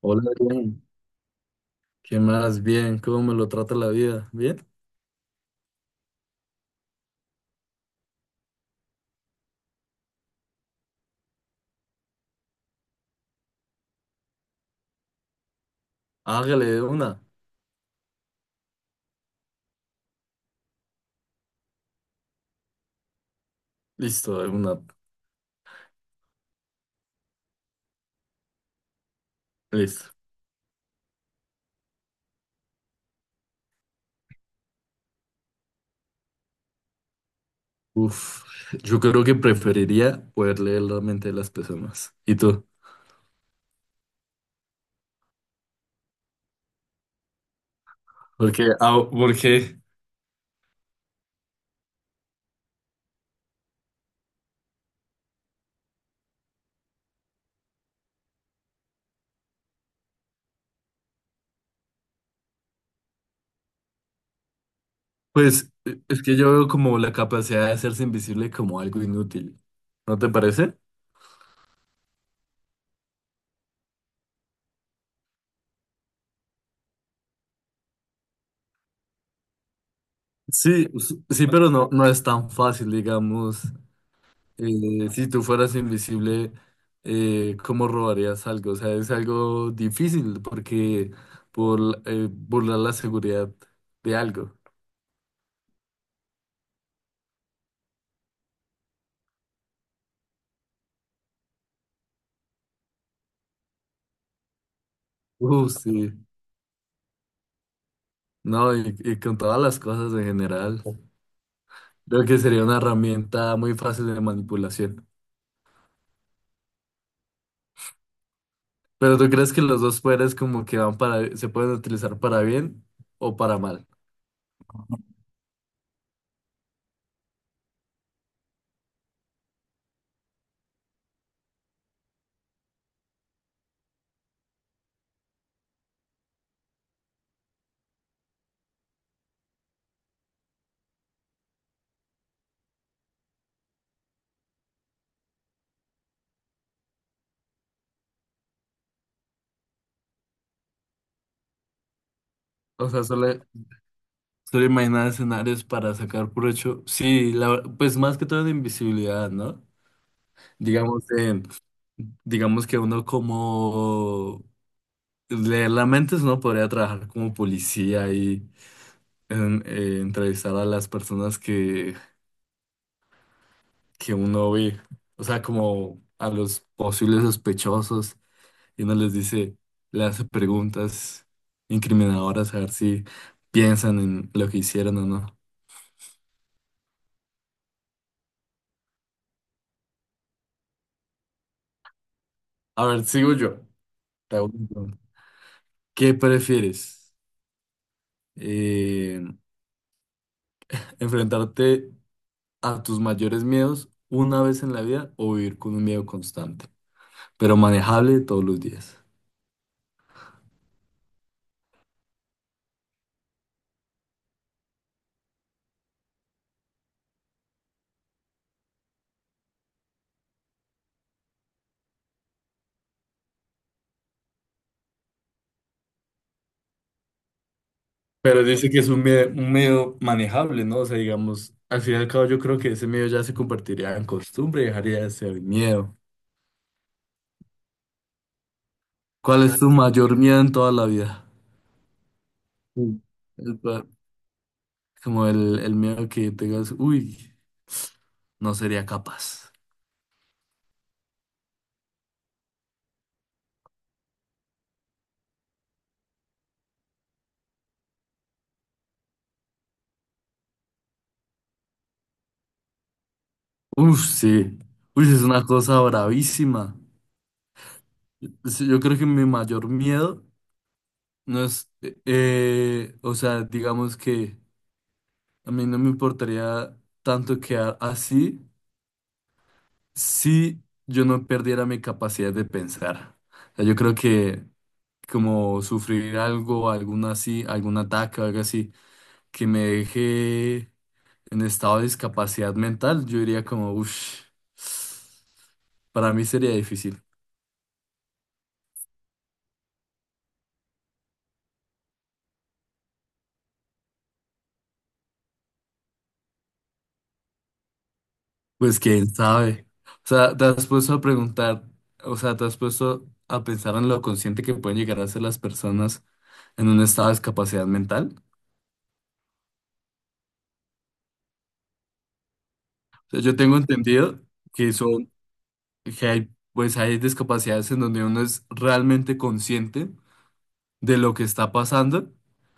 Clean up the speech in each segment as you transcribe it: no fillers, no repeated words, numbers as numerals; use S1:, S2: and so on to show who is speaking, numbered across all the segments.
S1: Hola, Adrián. ¿Qué más? Bien, ¿cómo me lo trata la vida? ¿Bien? Hágale de una. Listo, de una. Listo. Uf, yo creo que preferiría poder leer la mente de las personas. ¿Y tú? Porque es que yo veo como la capacidad de hacerse invisible como algo inútil. ¿No te parece? Sí, sí, pero no, no es tan fácil, digamos. Si tú fueras invisible, ¿cómo robarías algo? O sea, es algo difícil porque por burlar la seguridad de algo. Sí. No, y con todas las cosas en general, creo que sería una herramienta muy fácil de manipulación. Pero ¿tú crees que los dos poderes como que van para, se pueden utilizar para bien o para mal? O sea, solo imaginar escenarios para sacar provecho. Sí, pues más que todo de invisibilidad, ¿no? Digamos, digamos que uno como leer la mente, uno podría trabajar como policía y entrevistar a las personas que uno ve, o sea, como a los posibles sospechosos y uno les dice, le hace preguntas incriminadoras a ver si piensan en lo que hicieron o no. A ver, sigo yo. Te hago una pregunta. ¿Qué prefieres? Eh, ¿Enfrentarte a tus mayores miedos una vez en la vida o vivir con un miedo constante, pero manejable todos los días? Pero dice que es un miedo manejable, ¿no? O sea, digamos, al fin y al cabo yo creo que ese miedo ya se convertiría en costumbre y dejaría de ser miedo. ¿Cuál es tu mayor miedo en toda la vida? Mm. El pa- Como el miedo que tengas, uy, no sería capaz. Uf, sí. Uy, es una cosa bravísima. Sí, yo creo que mi mayor miedo no es, o sea, digamos que a mí no me importaría tanto quedar así si yo no perdiera mi capacidad de pensar. O sea, yo creo que como sufrir algo, algún así, algún ataque o algo así, que me deje en estado de discapacidad mental, yo diría como, uff, para mí sería difícil. Pues quién sabe. O sea, te has puesto a preguntar, o sea, te has puesto a pensar en lo consciente que pueden llegar a ser las personas en un estado de discapacidad mental. O sea, yo tengo entendido que son, que hay, pues hay discapacidades en donde uno es realmente consciente de lo que está pasando,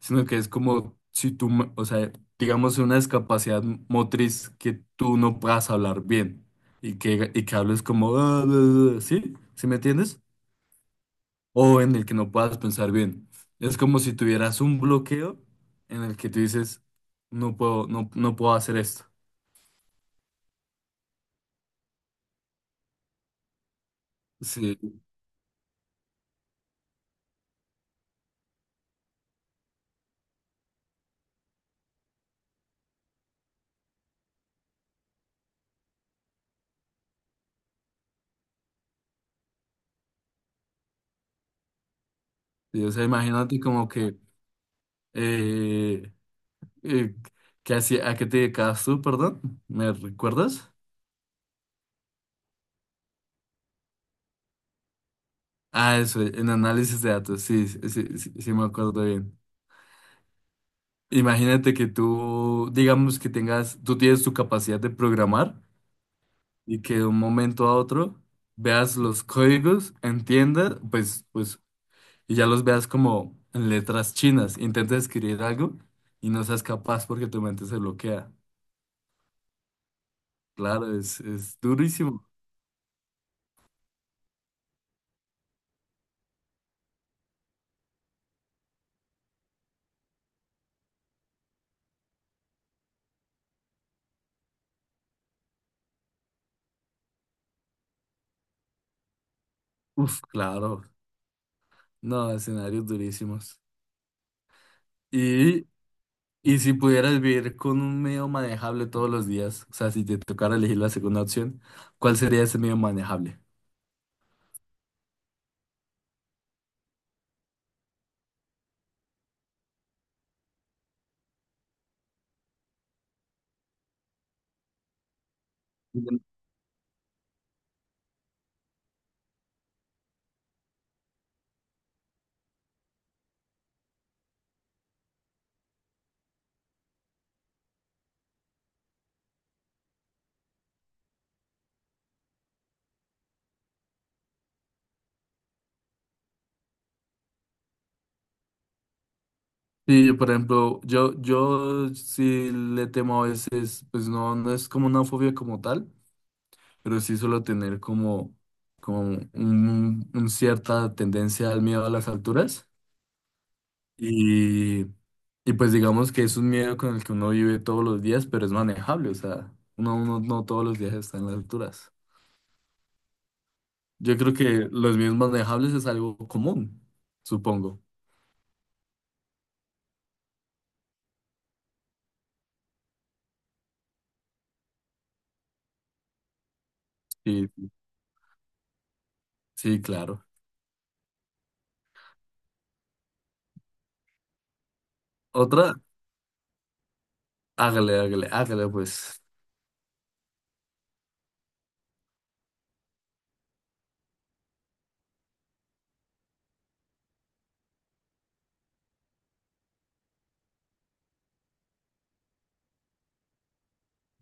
S1: sino que es como si tú, o sea, digamos una discapacidad motriz que tú no puedas hablar bien y que hables como, "Ah, ah, ah", ¿sí? ¿Sí me entiendes? O en el que no puedas pensar bien. Es como si tuvieras un bloqueo en el que tú dices, no puedo, no, no puedo hacer esto. Sí, sí, o sea, imagínate como que, eh, eh, ¿qué hacía- ¿a qué te dedicabas tú, perdón? ¿Me recuerdas? Ah, eso, en análisis de datos, sí, sí, sí, sí, sí me acuerdo bien. Imagínate que tú, digamos que tengas, tú tienes tu capacidad de programar y que de un momento a otro veas los códigos, entiendas, pues y ya los veas como en letras chinas. Intentas escribir algo y no seas capaz porque tu mente se bloquea. Claro, es durísimo. Uf, claro. No, escenarios durísimos. Y, y si pudieras vivir con un medio manejable todos los días, o sea, si te tocara elegir la segunda opción, ¿cuál sería ese medio manejable? Sí, por ejemplo, yo sí le temo a veces, pues no, no es como una fobia como tal, pero sí suelo tener como, como un cierta tendencia al miedo a las alturas. Y, y pues digamos que es un miedo con el que uno vive todos los días, pero es manejable, o sea, uno, uno no todos los días está en las alturas. Yo creo que los miedos manejables es algo común, supongo. Sí, sí, claro. Otra, hágale, hágale, hágale, pues.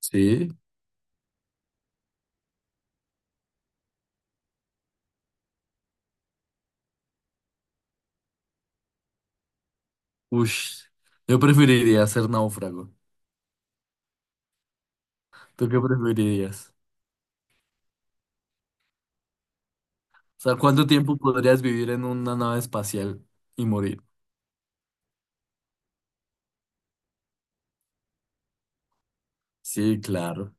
S1: Sí, uff. Yo preferiría ser náufrago. ¿Tú qué preferirías? O sea, ¿cuánto tiempo podrías vivir en una nave espacial y morir? Sí, claro.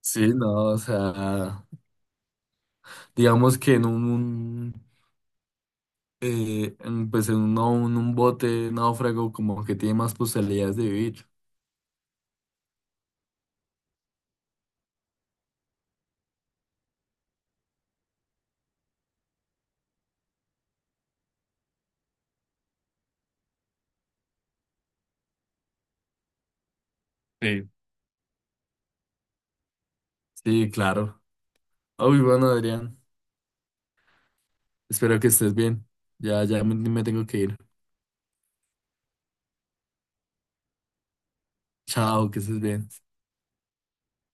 S1: Sí, no, o sea, digamos que en un, en, pues en un, un bote náufrago como que tiene más posibilidades de vivir. Sí. Sí, claro. Uy, bueno, Adrián, espero que estés bien. Ya, ya me tengo que ir. Chao, que estés bien.